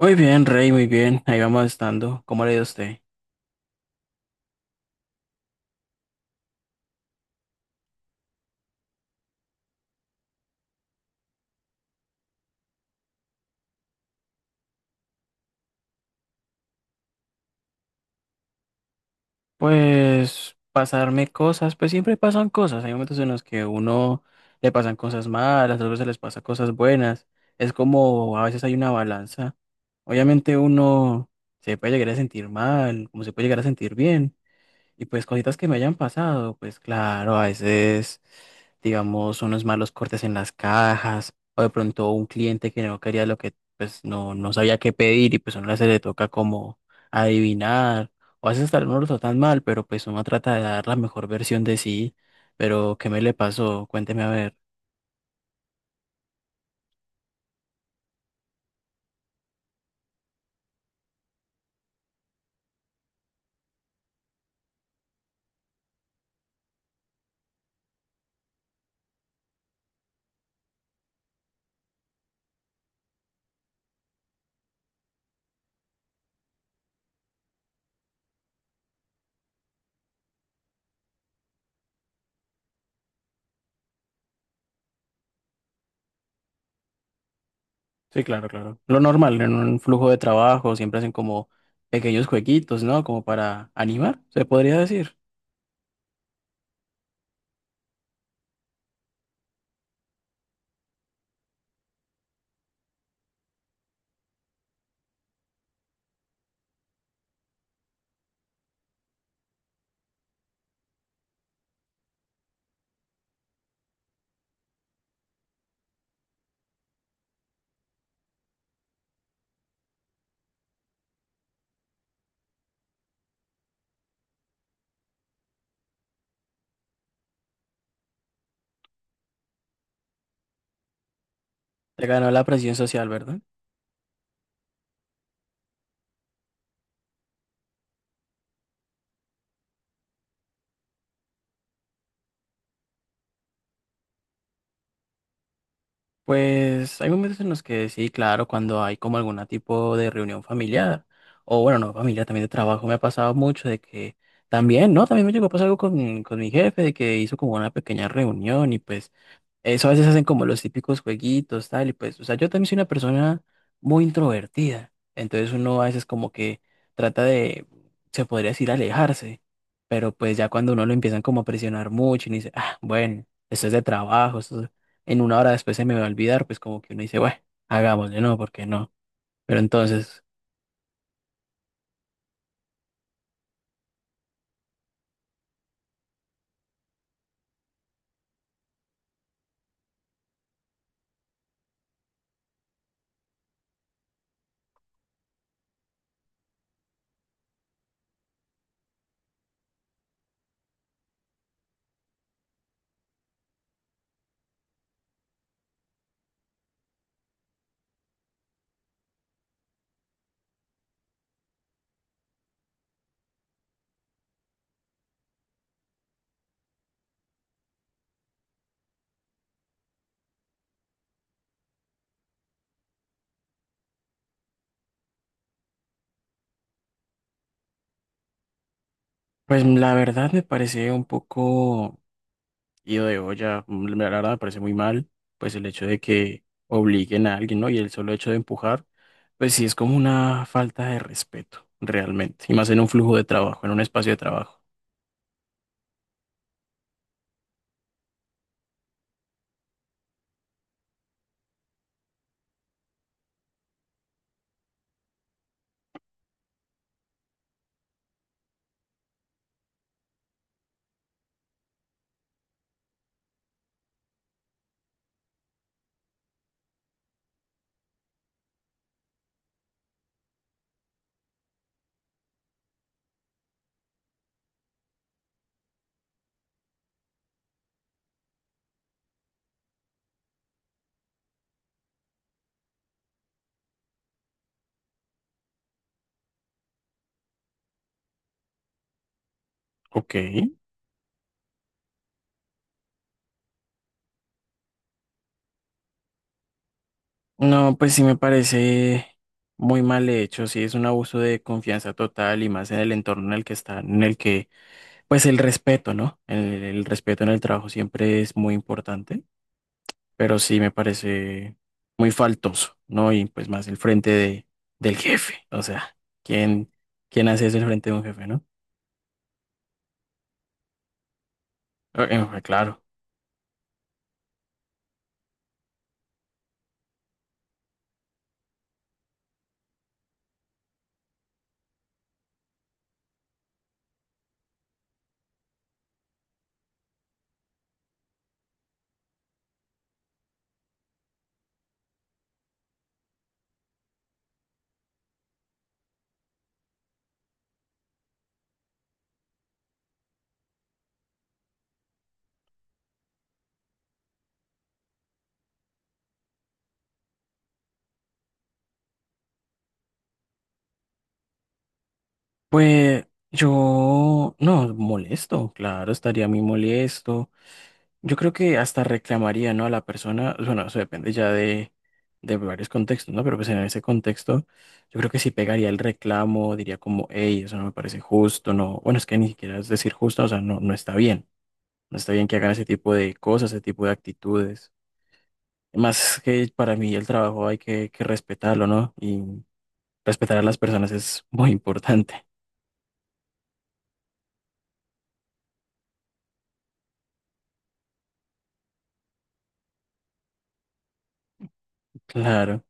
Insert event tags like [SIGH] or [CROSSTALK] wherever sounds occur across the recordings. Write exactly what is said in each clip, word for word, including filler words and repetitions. Muy bien, Rey, muy bien. Ahí vamos estando. ¿Cómo le ha ido a usted? Pues pasarme cosas, pues siempre pasan cosas. Hay momentos en los que uno le pasan cosas malas, otros se les pasa cosas buenas. Es como a veces hay una balanza. Obviamente uno se puede llegar a sentir mal, como se puede llegar a sentir bien. Y pues cositas que me hayan pasado, pues claro, a veces, digamos, unos malos cortes en las cajas, o de pronto un cliente que no quería lo que, pues no, no sabía qué pedir y pues a uno se le toca como adivinar, o a veces tal uno lo tratan mal, pero pues uno trata de dar la mejor versión de sí, pero ¿qué me le pasó? Cuénteme a ver. Sí, claro, claro. Lo normal, en un flujo de trabajo siempre hacen como pequeños jueguitos, ¿no? Como para animar, se podría decir. Te ganó la presión social, ¿verdad? Pues hay momentos en los que sí, claro, cuando hay como algún tipo de reunión familiar, o bueno, no familiar, también de trabajo, me ha pasado mucho de que también, ¿no? También me llegó a pasar algo con, con mi jefe, de que hizo como una pequeña reunión y pues eso a veces hacen como los típicos jueguitos, tal, y pues, o sea, yo también soy una persona muy introvertida, entonces uno a veces como que trata de, se podría decir, alejarse, pero pues ya cuando uno lo empiezan como a presionar mucho y uno dice, ah, bueno, esto es de trabajo, esto es- en una hora después se me va a olvidar, pues como que uno dice, bueno, hagámosle, no, ¿por qué no? Pero entonces, pues la verdad me parece un poco. Y de olla, mm, la verdad me parece muy mal, pues el hecho de que obliguen a alguien, ¿no? Y el solo hecho de empujar, pues sí es como una falta de respeto, realmente. Y más en un flujo de trabajo, en un espacio de trabajo. Ok. No, pues sí me parece muy mal hecho, sí es un abuso de confianza total y más en el entorno en el que están, en el que, pues el respeto, ¿no? El, el respeto en el trabajo siempre es muy importante. Pero sí me parece muy faltoso, ¿no? Y pues más el frente de, del jefe, o sea, ¿quién, quién hace eso el frente de un jefe? ¿No? Eh, eh, claro. Pues yo, no, molesto, claro, estaría muy molesto. Yo creo que hasta reclamaría, ¿no? A la persona, bueno, eso depende ya de, de varios contextos, ¿no? Pero pues en ese contexto, yo creo que sí pegaría el reclamo, diría como, hey, eso no me parece justo, no, bueno, es que ni siquiera es decir justo, o sea, no, no está bien. No está bien que hagan ese tipo de cosas, ese tipo de actitudes. Más que para mí el trabajo hay que, que respetarlo, ¿no? Y respetar a las personas es [LAUGHS] muy importante. Claro,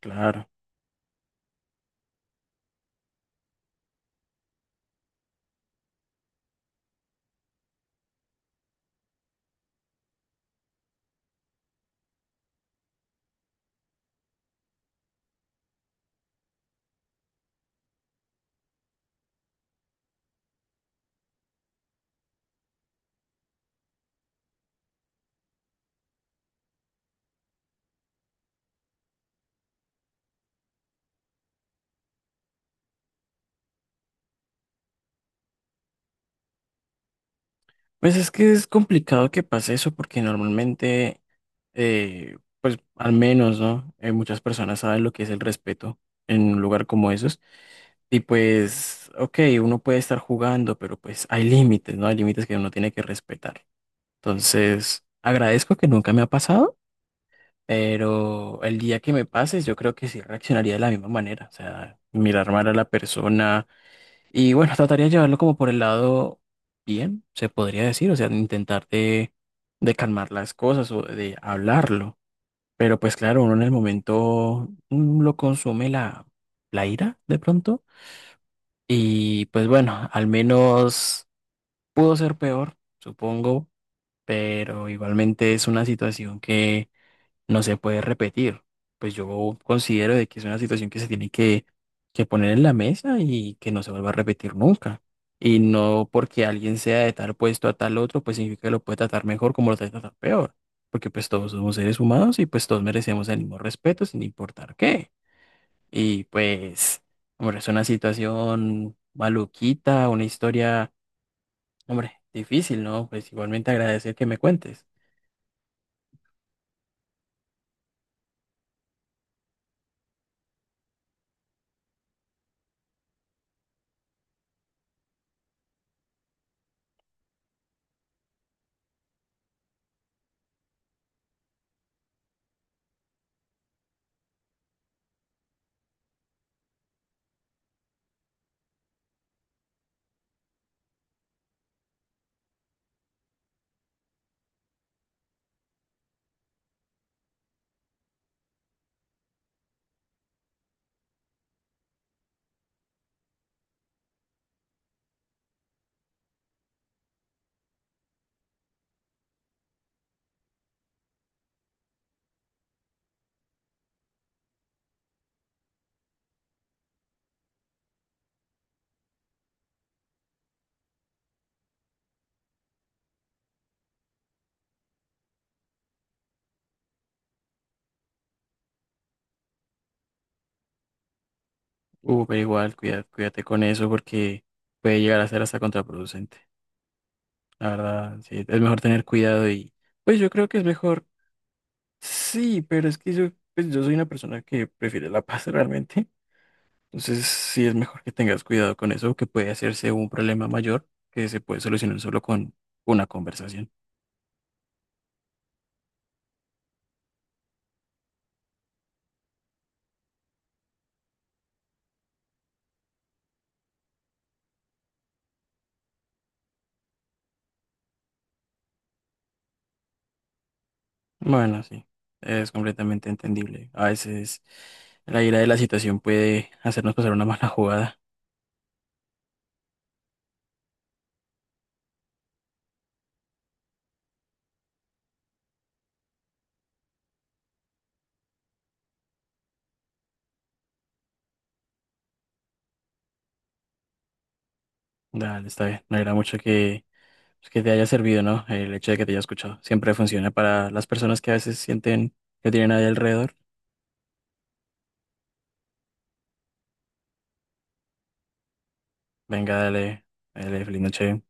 claro. Pues es que es complicado que pase eso porque normalmente, eh, pues al menos, ¿no? Eh, muchas personas saben lo que es el respeto en un lugar como esos. Y pues, ok, uno puede estar jugando, pero pues hay límites, ¿no? Hay límites que uno tiene que respetar. Entonces, agradezco que nunca me ha pasado. Pero el día que me pases, yo creo que sí reaccionaría de la misma manera. O sea, mirar mal a la persona. Y bueno, trataría de llevarlo como por el lado bien, se podría decir. O sea, intentar de, de calmar las cosas o de hablarlo. Pero pues claro, uno en el momento mm, lo consume la, la ira de pronto. Y pues bueno, al menos pudo ser peor, supongo. Pero igualmente es una situación que no se puede repetir. Pues yo considero de que es una situación que se tiene que, que poner en la mesa y que no se vuelva a repetir nunca. Y no porque alguien sea de tal puesto a tal otro, pues significa que lo puede tratar mejor como lo trata tratar peor. Porque pues todos somos seres humanos y pues todos merecemos el mismo respeto sin importar qué. Y pues, hombre, es una situación maluquita, una historia, hombre, difícil, ¿no? Pues igualmente agradecer que me cuentes. Uh, pero igual, cuida- cuídate con eso porque puede llegar a ser hasta contraproducente. La verdad, sí, es mejor tener cuidado y pues yo creo que es mejor. Sí, pero es que yo, pues yo soy una persona que prefiere la [LAUGHS] paz realmente. Entonces, sí es mejor que tengas cuidado con eso, que puede hacerse un problema mayor que se puede solucionar solo con una conversación. Bueno, sí, es completamente entendible. A veces la ira de la situación puede hacernos pasar una mala jugada. Dale, está bien. Me alegra mucho que. Pues que te haya servido, ¿no? El hecho de que te haya escuchado. Siempre funciona para las personas que a veces sienten que no tienen nadie alrededor. Venga, dale, dale, feliz noche.